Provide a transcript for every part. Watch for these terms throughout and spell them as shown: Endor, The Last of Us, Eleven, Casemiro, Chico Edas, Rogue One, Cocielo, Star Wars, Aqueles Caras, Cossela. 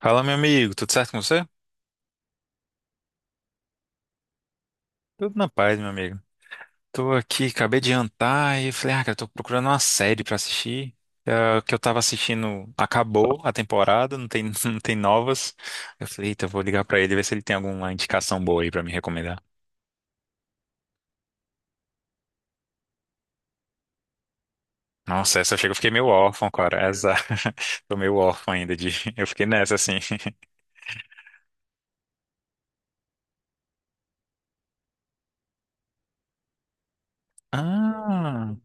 Fala, meu amigo, tudo certo com você? Tudo na paz, meu amigo. Tô aqui, acabei de jantar e falei, ah, cara, tô procurando uma série pra assistir. É, o que eu tava assistindo acabou a temporada, não tem, não tem novas. Eu falei, eita, eu vou ligar pra ele, ver se ele tem alguma indicação boa aí pra me recomendar. Nossa, essa chega, eu fiquei meio órfão, cara. Essa. Tô meio órfão ainda de. Eu fiquei nessa, assim. Ah,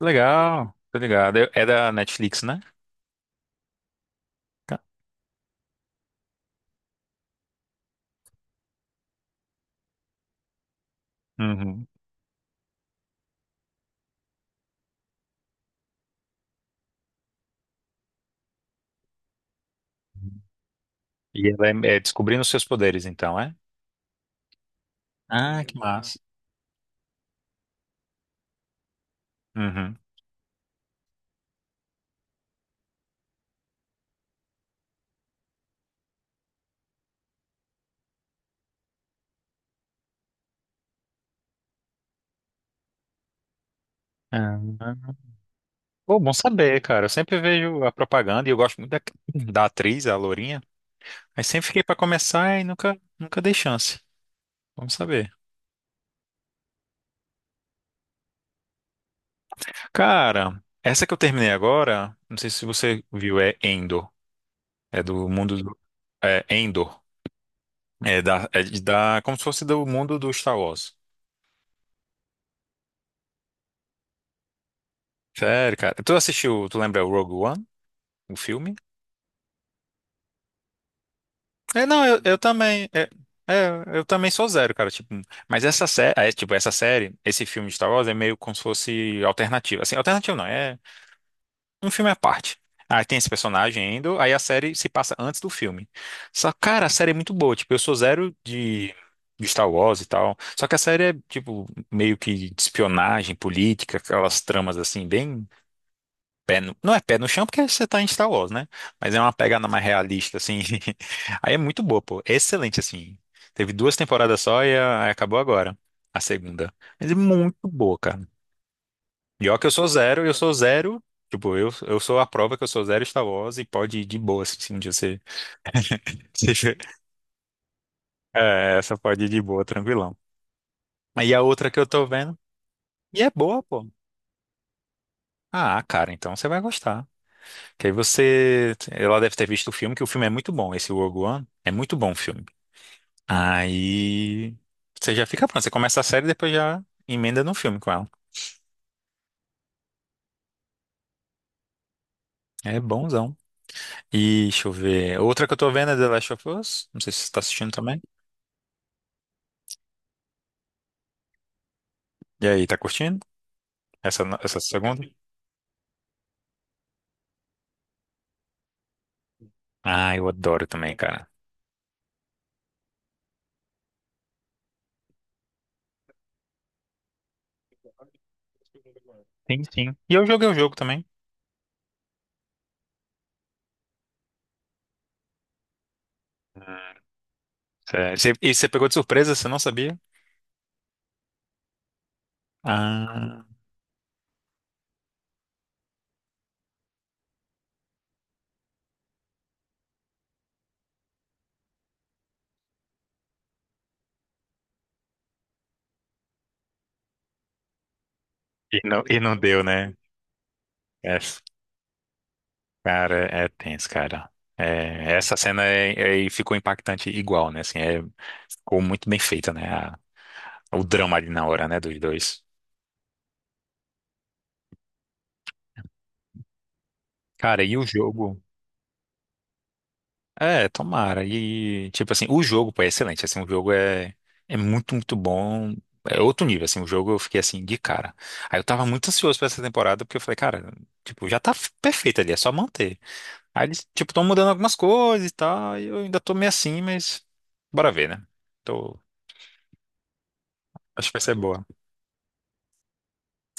legal, tô ligado. É da Netflix, né? Tá. Uhum. E ela é, descobrindo os seus poderes, então, é? Ah, que massa. Uhum. Ah, pô, bom saber, cara. Eu sempre vejo a propaganda e eu gosto muito da atriz, a Lourinha. Aí sempre fiquei pra começar e nunca dei chance. Vamos saber. Cara, essa que eu terminei agora, não sei se você viu, é Endor. É do mundo do, é Endor. É da, é de- da, Como se fosse do mundo do Star Wars. Sério, cara. Tu assistiu, tu lembra o Rogue One, o filme? É, não, eu também. É, eu também sou zero, cara. Tipo, mas essa série, é, tipo, essa série, esse filme de Star Wars é meio como se fosse alternativo. Assim, alternativo não, é um filme à parte. Aí tem esse personagem indo, aí a série se passa antes do filme. Só, cara, a série é muito boa. Tipo, eu sou zero de Star Wars e tal. Só que a série é, tipo, meio que de espionagem, política, aquelas tramas assim, bem pé no- não é pé no chão porque você tá em Star Wars, né? Mas é uma pegada mais realista, assim. Aí é muito boa, pô. É excelente, assim. Teve duas temporadas só e acabou agora, a segunda. Mas é muito boa, cara. E ó que eu sou zero, eu sou zero. Tipo, eu sou a prova que eu sou zero Star Wars e pode ir de boa, assim, se um dia você. você- É, essa pode ir de boa, tranquilão. Aí a outra que eu tô vendo, e é boa, pô. Ah, cara, então você vai gostar. Que aí você. Ela deve ter visto o filme, que o filme é muito bom. Esse Rogue One é muito bom o filme. Aí você já fica pronto. Você começa a série e depois já emenda no filme com ela. É bonzão. E deixa eu ver. Outra que eu tô vendo é The Last of Us. Não sei se você tá assistindo também. E aí, tá curtindo? Essa, essa segunda? Ah, eu adoro também, cara. Sim, sim. E eu joguei o jogo também. Sério. E você pegou de surpresa, você não sabia? Ah. E não deu, né? É. Cara, é tenso, cara. É, essa cena ficou impactante igual, né? Assim, é, ficou muito bem feita, né? O drama ali na hora, né? Dos dois. Cara, e o jogo? É, tomara. E, tipo assim, o jogo, pô, é excelente. Assim, o jogo é muito, muito bom. É outro nível, assim. O jogo eu fiquei, assim, de cara. Aí eu tava muito ansioso pra essa temporada, porque eu falei, cara, tipo, já tá perfeito ali, é só manter. Aí eles, tipo, tão mudando algumas coisas e tal, e eu ainda tô meio assim, mas bora ver, né? Tô... Acho que vai ser boa.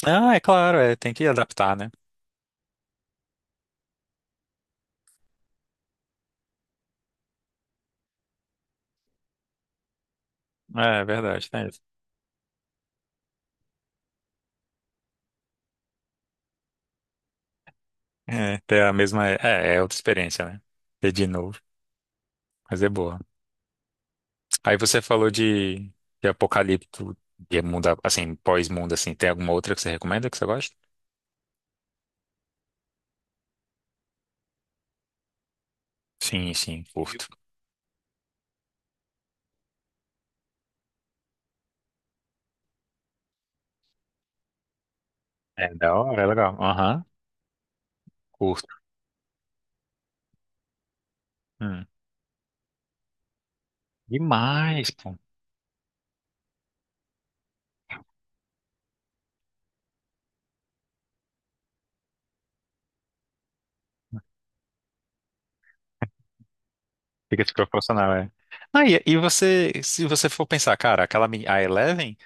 Ah, é claro, é, tem que adaptar, né? É, é verdade, tem isso. É, ter a mesma. É outra experiência, né? Ter de novo, mas é boa. Aí você falou de, apocalipto, de mundo, assim, pós-mundo, assim. Tem alguma outra que você recomenda que você gosta? Sim, sim, curto. É da hora, é legal. Aham, curto. Hum. Demais, pô. Fica desproporcional, é. Ah, e você, se você for pensar, cara, aquela a Eleven,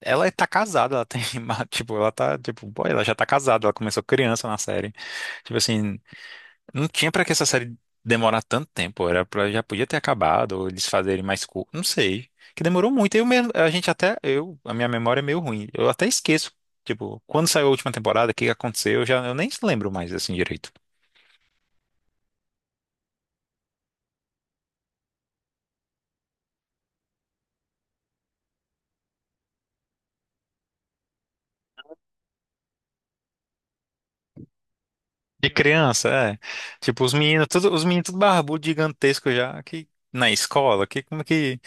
ela tá casada, ela tem, tipo, ela tá, tipo, boy, ela já tá casada, ela começou criança na série. Tipo assim, não tinha pra que essa série demorar tanto tempo, era para já podia ter acabado, ou eles fazerem mais curto, não sei. Que demorou muito, eu mesmo, a gente até, eu, a minha memória é meio ruim, eu até esqueço, tipo, quando saiu a última temporada, o que que aconteceu, eu nem lembro mais, assim, direito. De criança, é, tipo, os meninos tudo barbudo, gigantesco já, que, na escola, que, como que,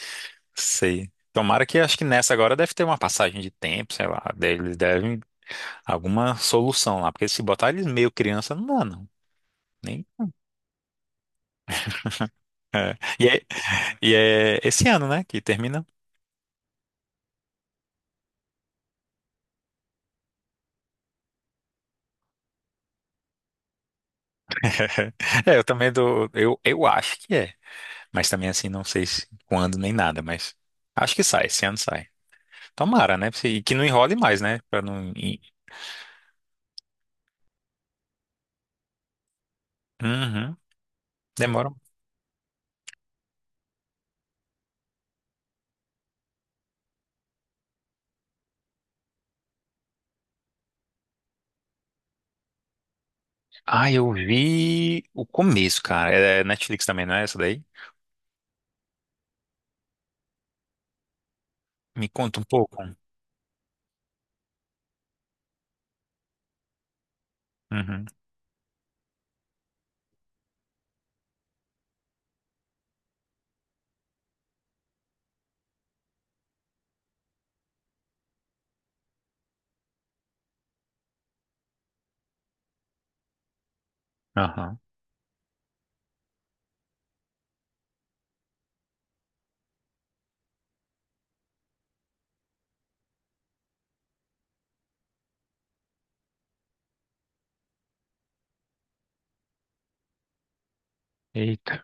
sei. Tomara que, acho que nessa agora deve ter uma passagem de tempo, sei lá, eles devem, alguma solução lá, porque se botar eles meio criança, não dá, não. Nem- É. E é esse ano, né, que termina. É, eu também dou, eu acho que é, mas também assim, não sei se quando nem nada, mas acho que sai, esse ano sai. Tomara, né, e que não enrole mais, né, pra não. Uhum, demora. Ah, eu vi o começo, cara, é Netflix também, não é essa daí? Me conta um pouco. Uhum, aham. Eita,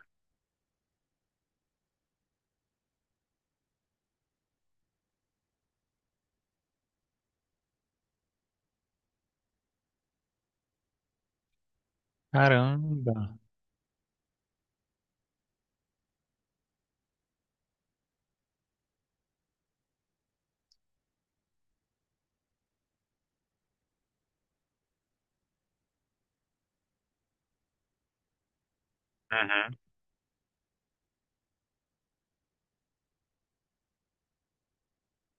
caramba. Uhum.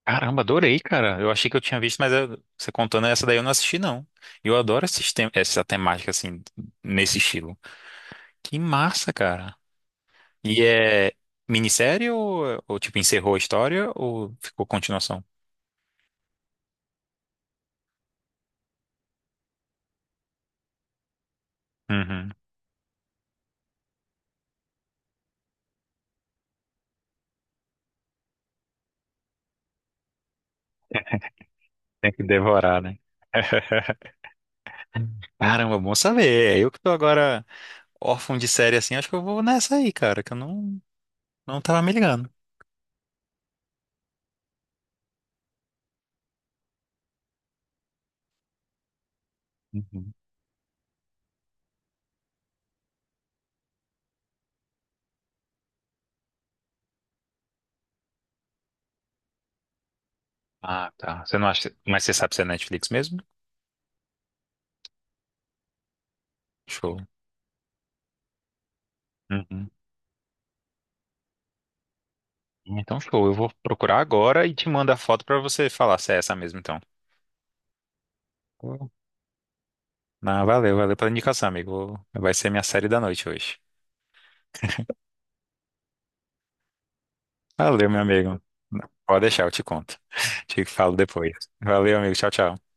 Caramba, adorei, cara. Eu achei que eu tinha visto, mas você contando essa daí eu não assisti, não. E eu adoro esses essa temática, assim, nesse estilo. Que massa, cara. E é minissérie ou, tipo, encerrou a história ou ficou continuação? Uhum. Tem que devorar, né? Caramba, bom saber. É, eu que tô agora órfão de série assim, acho que eu vou nessa aí, cara, que eu não tava me ligando. Uhum. Ah, tá. Você não acha. Mas você sabe se é Netflix mesmo? Show. Uhum. Então, show. Eu vou procurar agora e te mando a foto pra você falar se é essa mesmo, então. Pô. Não, valeu, valeu pela indicação, amigo. Vai ser minha série da noite hoje. Valeu, meu amigo. Pode deixar, eu te conto. Te falo depois. Valeu, amigo. Tchau, tchau.